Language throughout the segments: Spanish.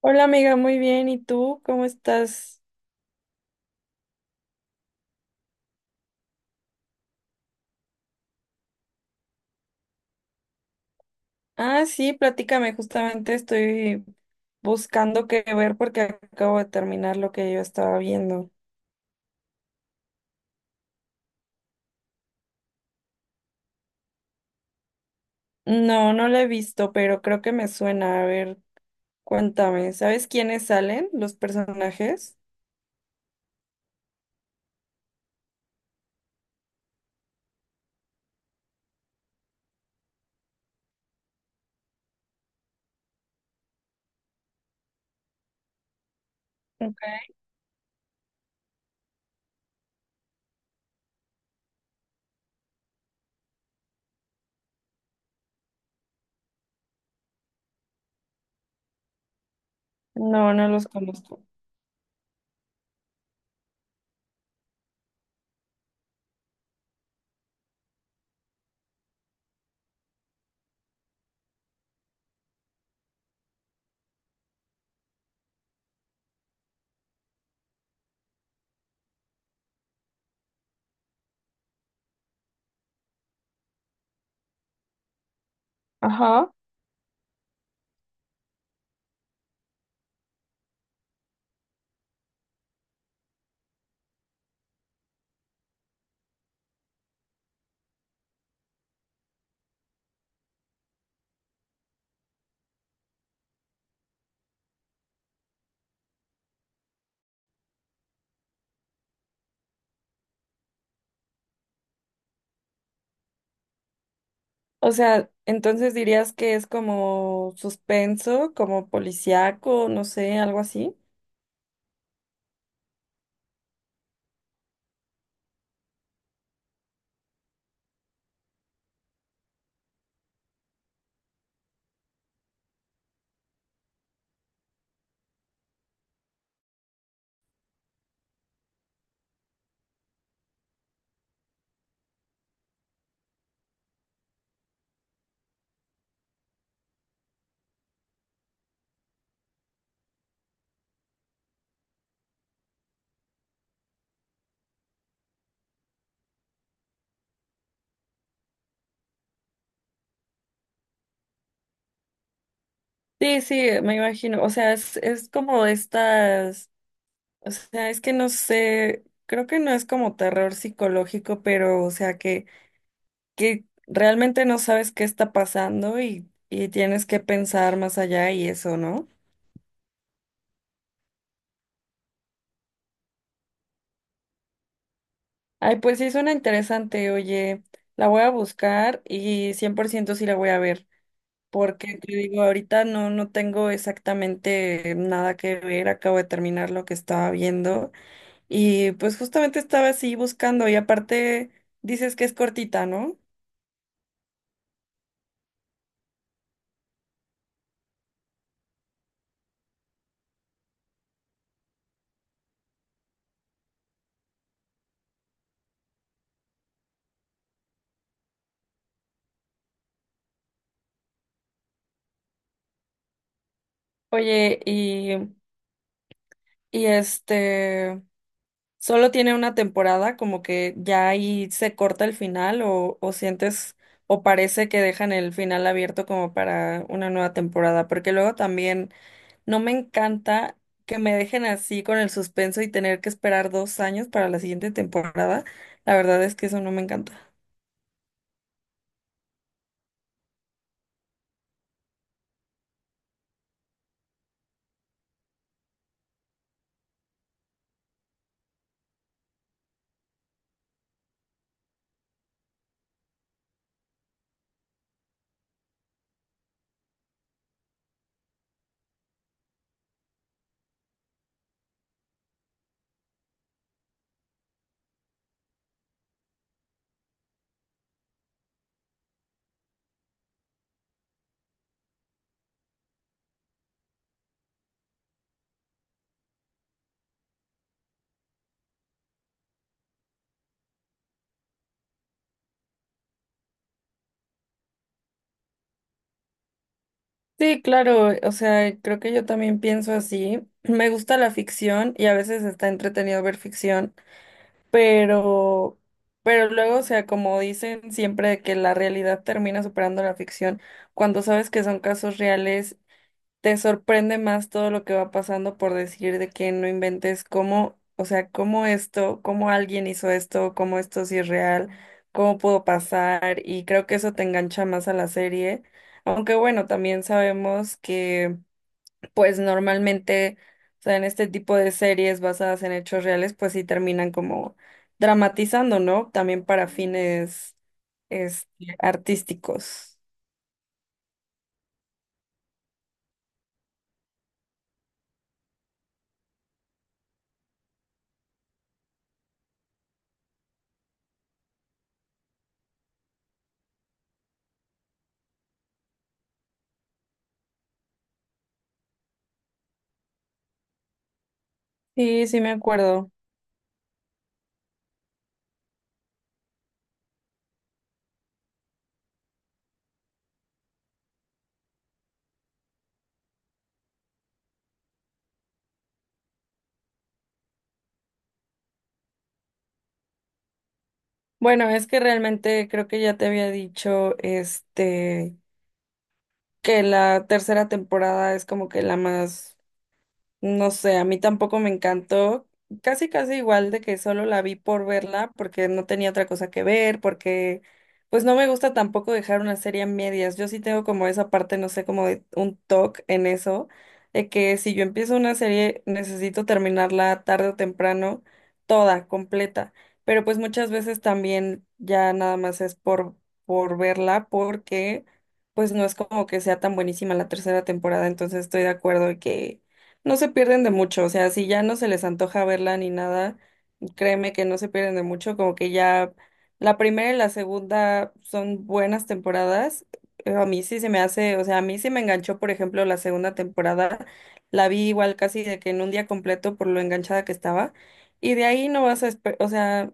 Hola amiga, muy bien. ¿Y tú cómo estás? Ah, sí, platícame. Justamente estoy buscando qué ver porque acabo de terminar lo que yo estaba viendo. No, no la he visto, pero creo que me suena. A ver, cuéntame. ¿Sabes quiénes salen los personajes? Ok. No, no los conozco. Ajá. O sea, entonces dirías que es como suspenso, como policíaco, no sé, algo así. Sí, sí, me imagino. O sea, es como estas. O sea, es que no sé, creo que no es como terror psicológico, pero o sea que realmente no sabes qué está pasando y tienes que pensar más allá y eso, ¿no? Ay, pues sí, suena interesante, oye, la voy a buscar y 100% sí la voy a ver, porque te digo, ahorita no tengo exactamente nada que ver, acabo de terminar lo que estaba viendo y pues justamente estaba así buscando y aparte dices que es cortita, ¿no? Oye, y solo tiene una temporada, como que ya ahí se corta el final o sientes o parece que dejan el final abierto como para una nueva temporada, porque luego también no me encanta que me dejen así con el suspenso y tener que esperar 2 años para la siguiente temporada. La verdad es que eso no me encanta. Sí, claro, o sea, creo que yo también pienso así. Me gusta la ficción y a veces está entretenido ver ficción. Pero, pero luego, o sea, como dicen siempre de que la realidad termina superando la ficción, cuando sabes que son casos reales, te sorprende más todo lo que va pasando por decir de que no inventes cómo, o sea, cómo esto, cómo alguien hizo esto, cómo esto sí es real, cómo pudo pasar, y creo que eso te engancha más a la serie. Aunque bueno, también sabemos pues normalmente, o sea, en este tipo de series basadas en hechos reales, pues sí terminan como dramatizando, ¿no? También para fines este, artísticos. Sí, sí me acuerdo. Bueno, es que realmente creo que ya te había dicho, que la tercera temporada es como que la más. No sé, a mí tampoco me encantó. Casi, casi igual de que solo la vi por verla, porque no tenía otra cosa que ver, porque pues no me gusta tampoco dejar una serie a medias. Yo sí tengo como esa parte, no sé, como de un toque en eso, de que si yo empiezo una serie necesito terminarla tarde o temprano, toda, completa. Pero pues muchas veces también ya nada más es por verla, porque pues no es como que sea tan buenísima la tercera temporada, entonces estoy de acuerdo en que no se pierden de mucho, o sea, si ya no se les antoja verla ni nada, créeme que no se pierden de mucho, como que ya la primera y la segunda son buenas temporadas. A mí sí se me hace, o sea, a mí sí me enganchó, por ejemplo, la segunda temporada, la vi igual casi de que en un día completo por lo enganchada que estaba, y de ahí no vas a, o sea,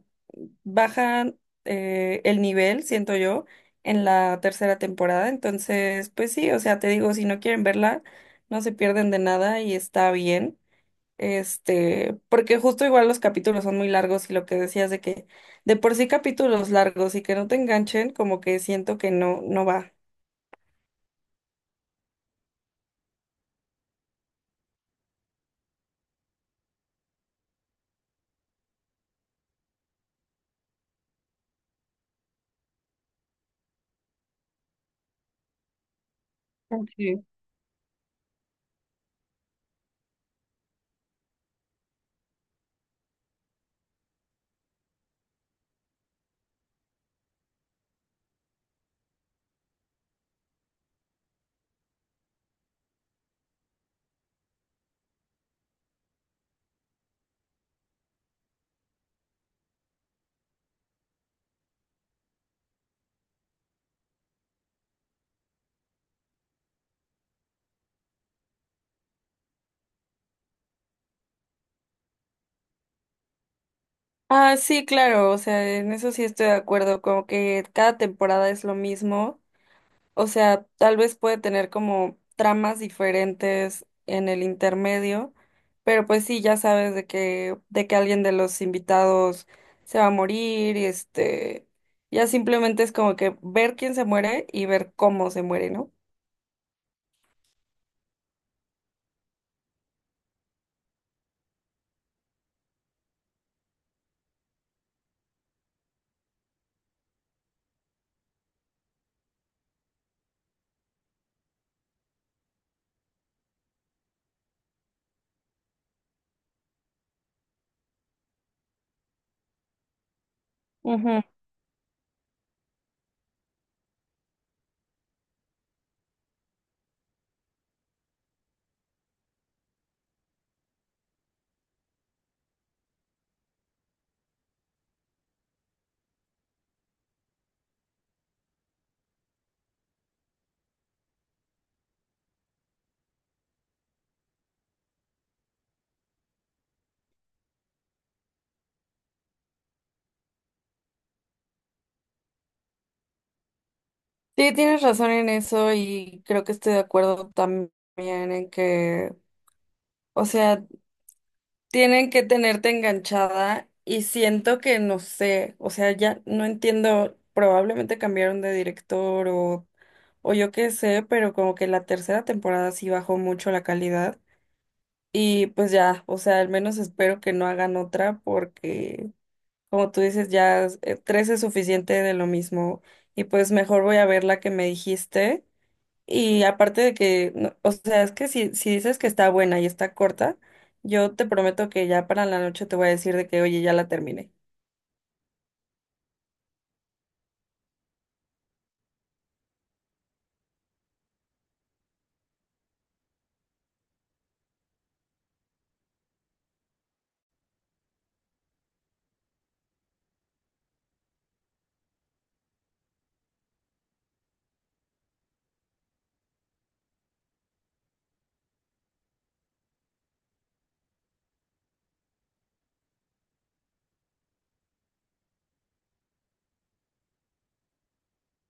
bajan el nivel, siento yo, en la tercera temporada, entonces, pues sí, o sea, te digo, si no quieren verla no se pierden de nada y está bien. Porque justo igual los capítulos son muy largos y lo que decías de que de por sí capítulos largos y que no te enganchen, como que siento que no, no va. Ok. Ah, sí, claro, o sea, en eso sí estoy de acuerdo, como que cada temporada es lo mismo. O sea, tal vez puede tener como tramas diferentes en el intermedio, pero pues sí, ya sabes de que alguien de los invitados se va a morir y ya simplemente es como que ver quién se muere y ver cómo se muere, ¿no? Ujú. Sí, tienes razón en eso y creo que estoy de acuerdo también en que, o sea, tienen que tenerte enganchada y siento que no sé, o sea, ya no entiendo, probablemente cambiaron de director o yo qué sé, pero como que la tercera temporada sí bajó mucho la calidad y pues ya, o sea, al menos espero que no hagan otra porque como tú dices, ya tres es suficiente de lo mismo y pues mejor voy a ver la que me dijiste y aparte de que, o sea, es que si dices que está buena y está corta, yo te prometo que ya para la noche te voy a decir de que, oye, ya la terminé.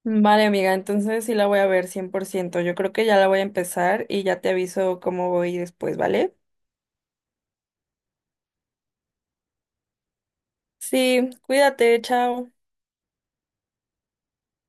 Vale, amiga, entonces sí la voy a ver 100%. Yo creo que ya la voy a empezar y ya te aviso cómo voy después, ¿vale? Sí, cuídate, chao.